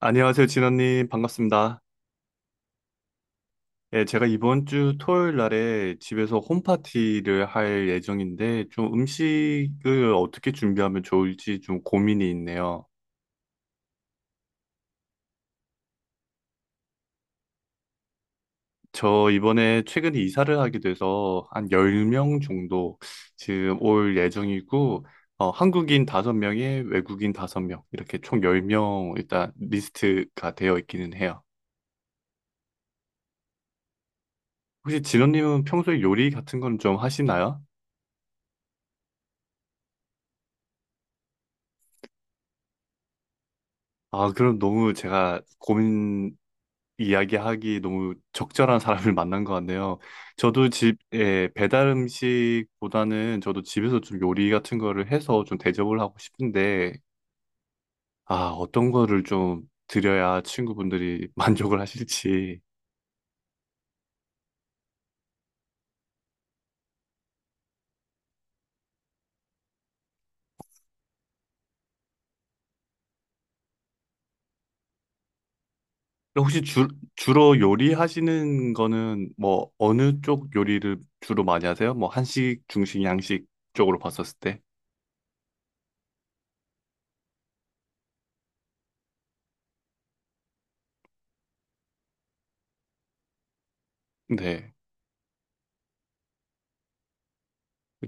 안녕하세요, 진원님. 반갑습니다. 예, 제가 이번 주 토요일 날에 집에서 홈파티를 할 예정인데, 좀 음식을 어떻게 준비하면 좋을지 좀 고민이 있네요. 저 이번에 최근에 이사를 하게 돼서 한 10명 정도 지금 올 예정이고, 한국인 5명에 외국인 5명, 이렇게 총 10명 일단 리스트가 되어 있기는 해요. 혹시 진원님은 평소에 요리 같은 건 좀 하시나요? 아, 그럼 너무 제가 고민을 이야기하기 너무 적절한 사람을 만난 것 같네요. 저도 집에 배달 음식보다는 저도 집에서 좀 요리 같은 거를 해서 좀 대접을 하고 싶은데, 아, 어떤 거를 좀 드려야 친구분들이 만족을 하실지. 혹시 주, 주로 요리하시는 거는 뭐 어느 쪽 요리를 주로 많이 하세요? 뭐 한식, 중식, 양식 쪽으로 봤었을 때? 네.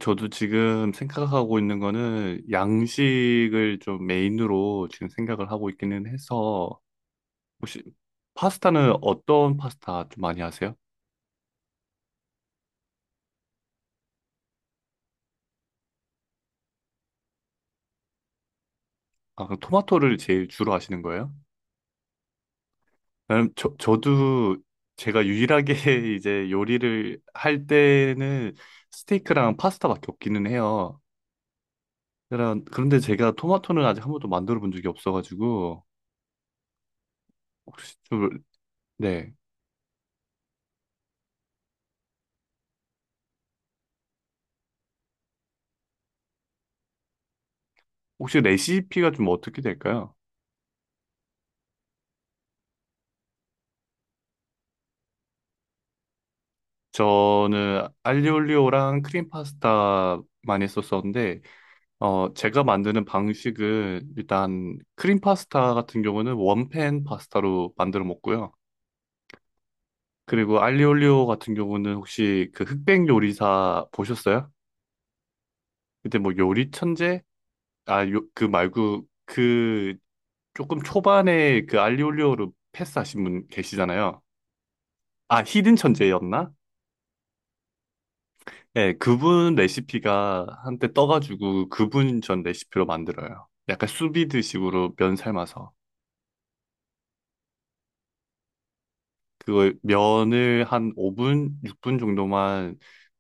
저도 지금 생각하고 있는 거는 양식을 좀 메인으로 지금 생각을 하고 있기는 해서 혹시 파스타는 어떤 파스타 좀 많이 하세요? 아, 그럼 토마토를 제일 주로 하시는 거예요? 저도 제가 유일하게 이제 요리를 할 때는 스테이크랑 파스타밖에 없기는 해요. 그런데 제가 토마토는 아직 한 번도 만들어 본 적이 없어가지고 혹시 좀, 네. 혹시 레시피가 좀 어떻게 될까요? 저는 알리올리오랑 크림 파스타 많이 썼었는데, 제가 만드는 방식은 일단 크림 파스타 같은 경우는 원팬 파스타로 만들어 먹고요. 그리고 알리올리오 같은 경우는 혹시 그 흑백 요리사 보셨어요? 그때 뭐 요리 천재? 아, 요, 그 말고 그 조금 초반에 그 알리올리오를 패스하신 분 계시잖아요. 아, 히든 천재였나? 네, 그분 레시피가 한때 떠가지고 그분 전 레시피로 만들어요. 약간 수비드식으로 면 삶아서. 그걸 면을 한 5분, 6분 정도만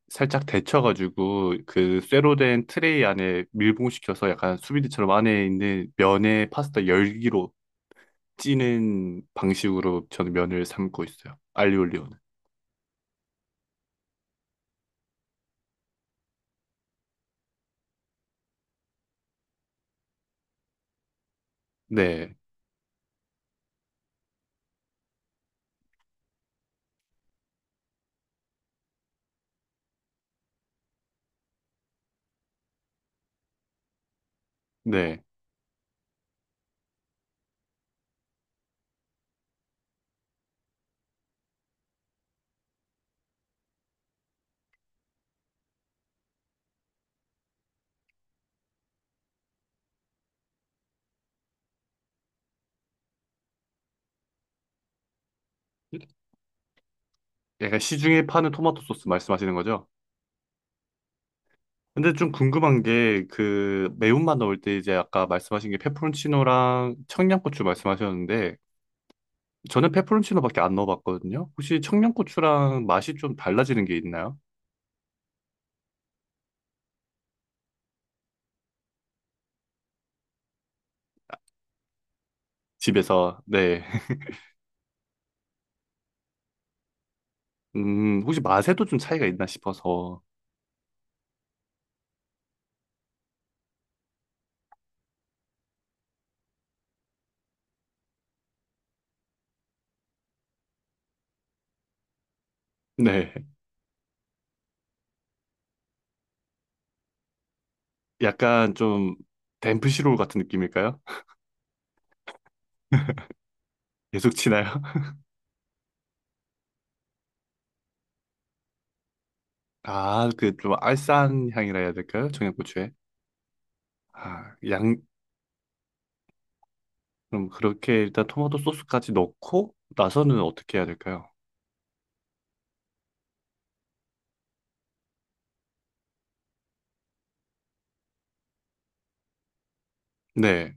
살짝 데쳐가지고 그 쇠로 된 트레이 안에 밀봉시켜서 약간 수비드처럼 안에 있는 면에 파스타 열기로 찌는 방식으로 저는 면을 삶고 있어요. 알리올리오는. 네, 네. 약간 시중에 파는 토마토 소스 말씀하시는 거죠? 근데 좀 궁금한 게 그 매운맛 넣을 때 이제 아까 말씀하신 게 페퍼론치노랑 청양고추 말씀하셨는데 저는 페퍼론치노밖에 안 넣어봤거든요. 혹시 청양고추랑 맛이 좀 달라지는 게 있나요? 집에서 네. 음, 혹시 맛에도 좀 차이가 있나 싶어서 네. 약간 좀 덴프시롤 같은 느낌일까요? 계속 치나요? 아, 그 좀 알싸한 향이라 해야 될까요? 청양고추에. 아, 양. 그럼 그렇게 일단 토마토 소스까지 넣고 나서는 어떻게 해야 될까요? 네.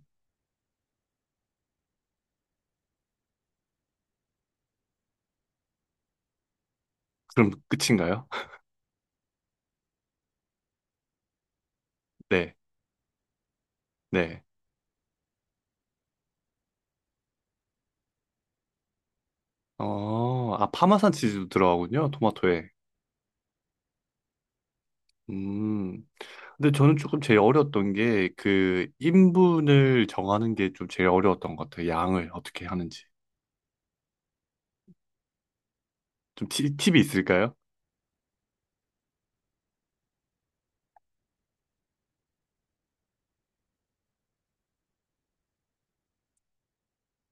그럼 끝인가요? 네, 네. 어, 아, 파마산 치즈도 들어가군요, 토마토에. 음. 근데 저는 조금 제일 어려웠던 게 그 인분을 정하는 게 좀 제일 어려웠던 것 같아요. 양을 어떻게 하는지. 팁이 있을까요?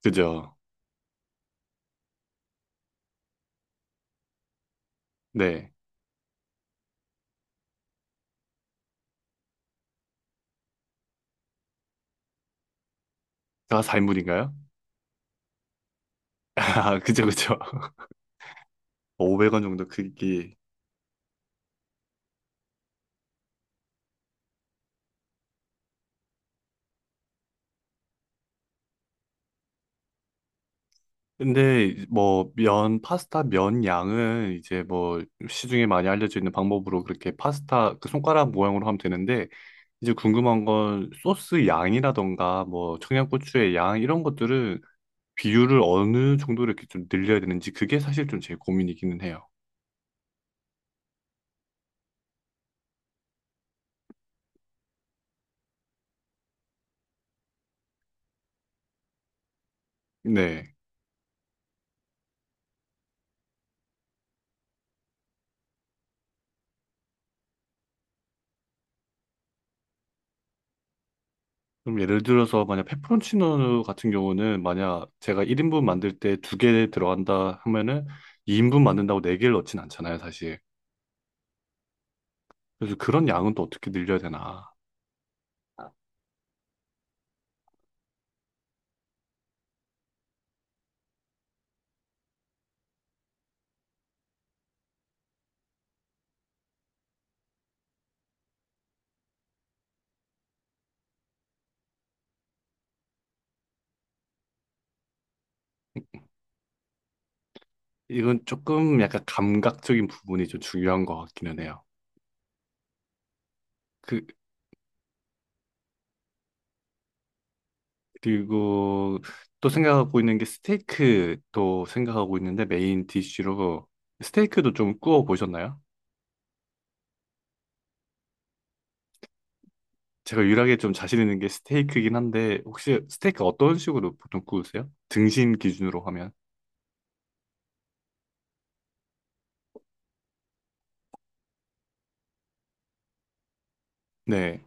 그죠? 네. 다 4인분인가요? 아, 그죠, 그죠. 500원 정도 크기. 근데 뭐 면, 파스타 면 양은 이제 뭐 시중에 많이 알려져 있는 방법으로 그렇게 파스타 그 손가락 모양으로 하면 되는데 이제 궁금한 건 소스 양이라던가 뭐 청양고추의 양 이런 것들은 비율을 어느 정도로 이렇게 좀 늘려야 되는지 그게 사실 좀 제 고민이기는 해요. 네. 그럼 예를 들어서 만약 페퍼론치노 같은 경우는 만약 제가 1인분 만들 때 두 개 들어간다 하면은 2인분 만든다고 네 개를 넣진 않잖아요, 사실. 그래서 그런 양은 또 어떻게 늘려야 되나. 이건 조금 약간 감각적인 부분이 좀 중요한 것 같기는 해요. 그, 그리고 또 생각하고 있는 게 스테이크도 생각하고 있는데 메인 디쉬로 스테이크도 좀 구워 보셨나요? 제가 유일하게 좀 자신 있는 게 스테이크긴 한데 혹시 스테이크 어떤 식으로 보통 구우세요? 등심 기준으로 하면. 네.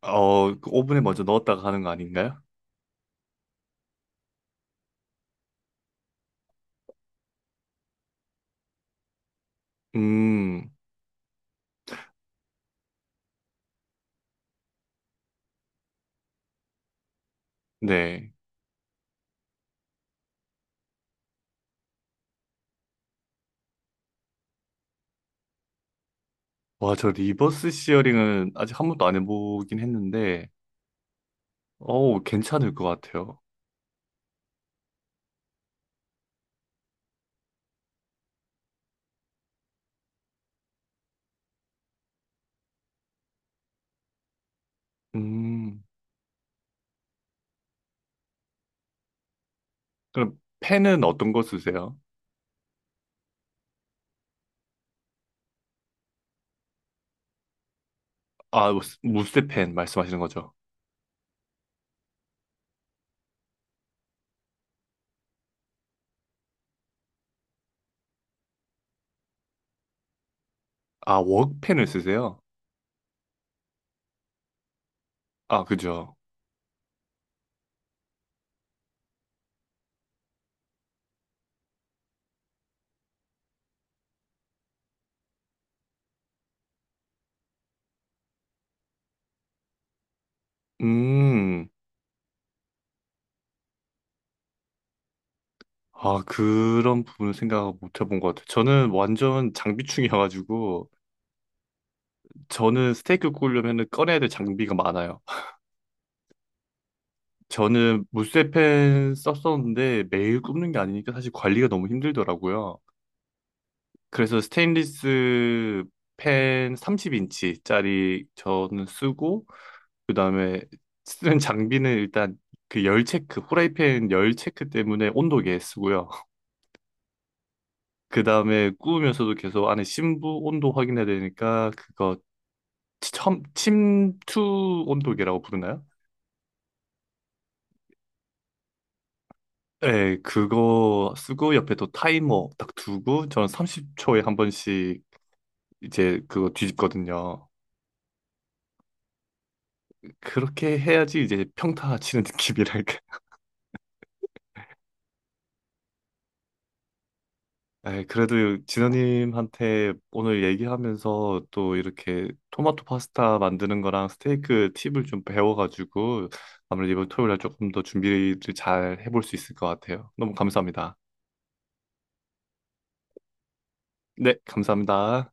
어, 그 오븐에 먼저 넣었다가 하는 거 아닌가요? 음, 네. 와, 저 리버스 시어링은 아직 한 번도 안 해보긴 했는데, 어우, 괜찮을 것 같아요. 음, 그럼 펜은 어떤 거 쓰세요? 아, 무쇠펜 말씀하시는 거죠? 아, 웍펜을 쓰세요? 아, 그죠. 음, 아, 그런 부분을 생각 못 해본 것 같아요. 저는 완전 장비충이어가지고, 저는 스테이크 구우려면 꺼내야 될 장비가 많아요. 저는 무쇠펜 썼었는데 매일 굽는 게 아니니까 사실 관리가 너무 힘들더라고요. 그래서 스테인리스 펜 30인치짜리 저는 쓰고, 그다음에 쓰는 장비는 일단 그 열 체크, 후라이팬 열 체크 때문에 온도계 쓰고요. 그다음에 구우면서도 계속 안에 심부 온도 확인해야 되니까 그거 침투 온도계라고 부르나요? 네, 그거 쓰고 옆에 또 타이머 딱 두고 저는 30초에 한 번씩 이제 그거 뒤집거든요. 그렇게 해야지 이제 평타 치는 느낌이랄까. 에이, 그래도 진호님한테 오늘 얘기하면서 또 이렇게 토마토 파스타 만드는 거랑 스테이크 팁을 좀 배워가지고 아무래도 이번 토요일 날 조금 더 준비를 잘 해볼 수 있을 것 같아요. 너무 감사합니다. 네, 감사합니다.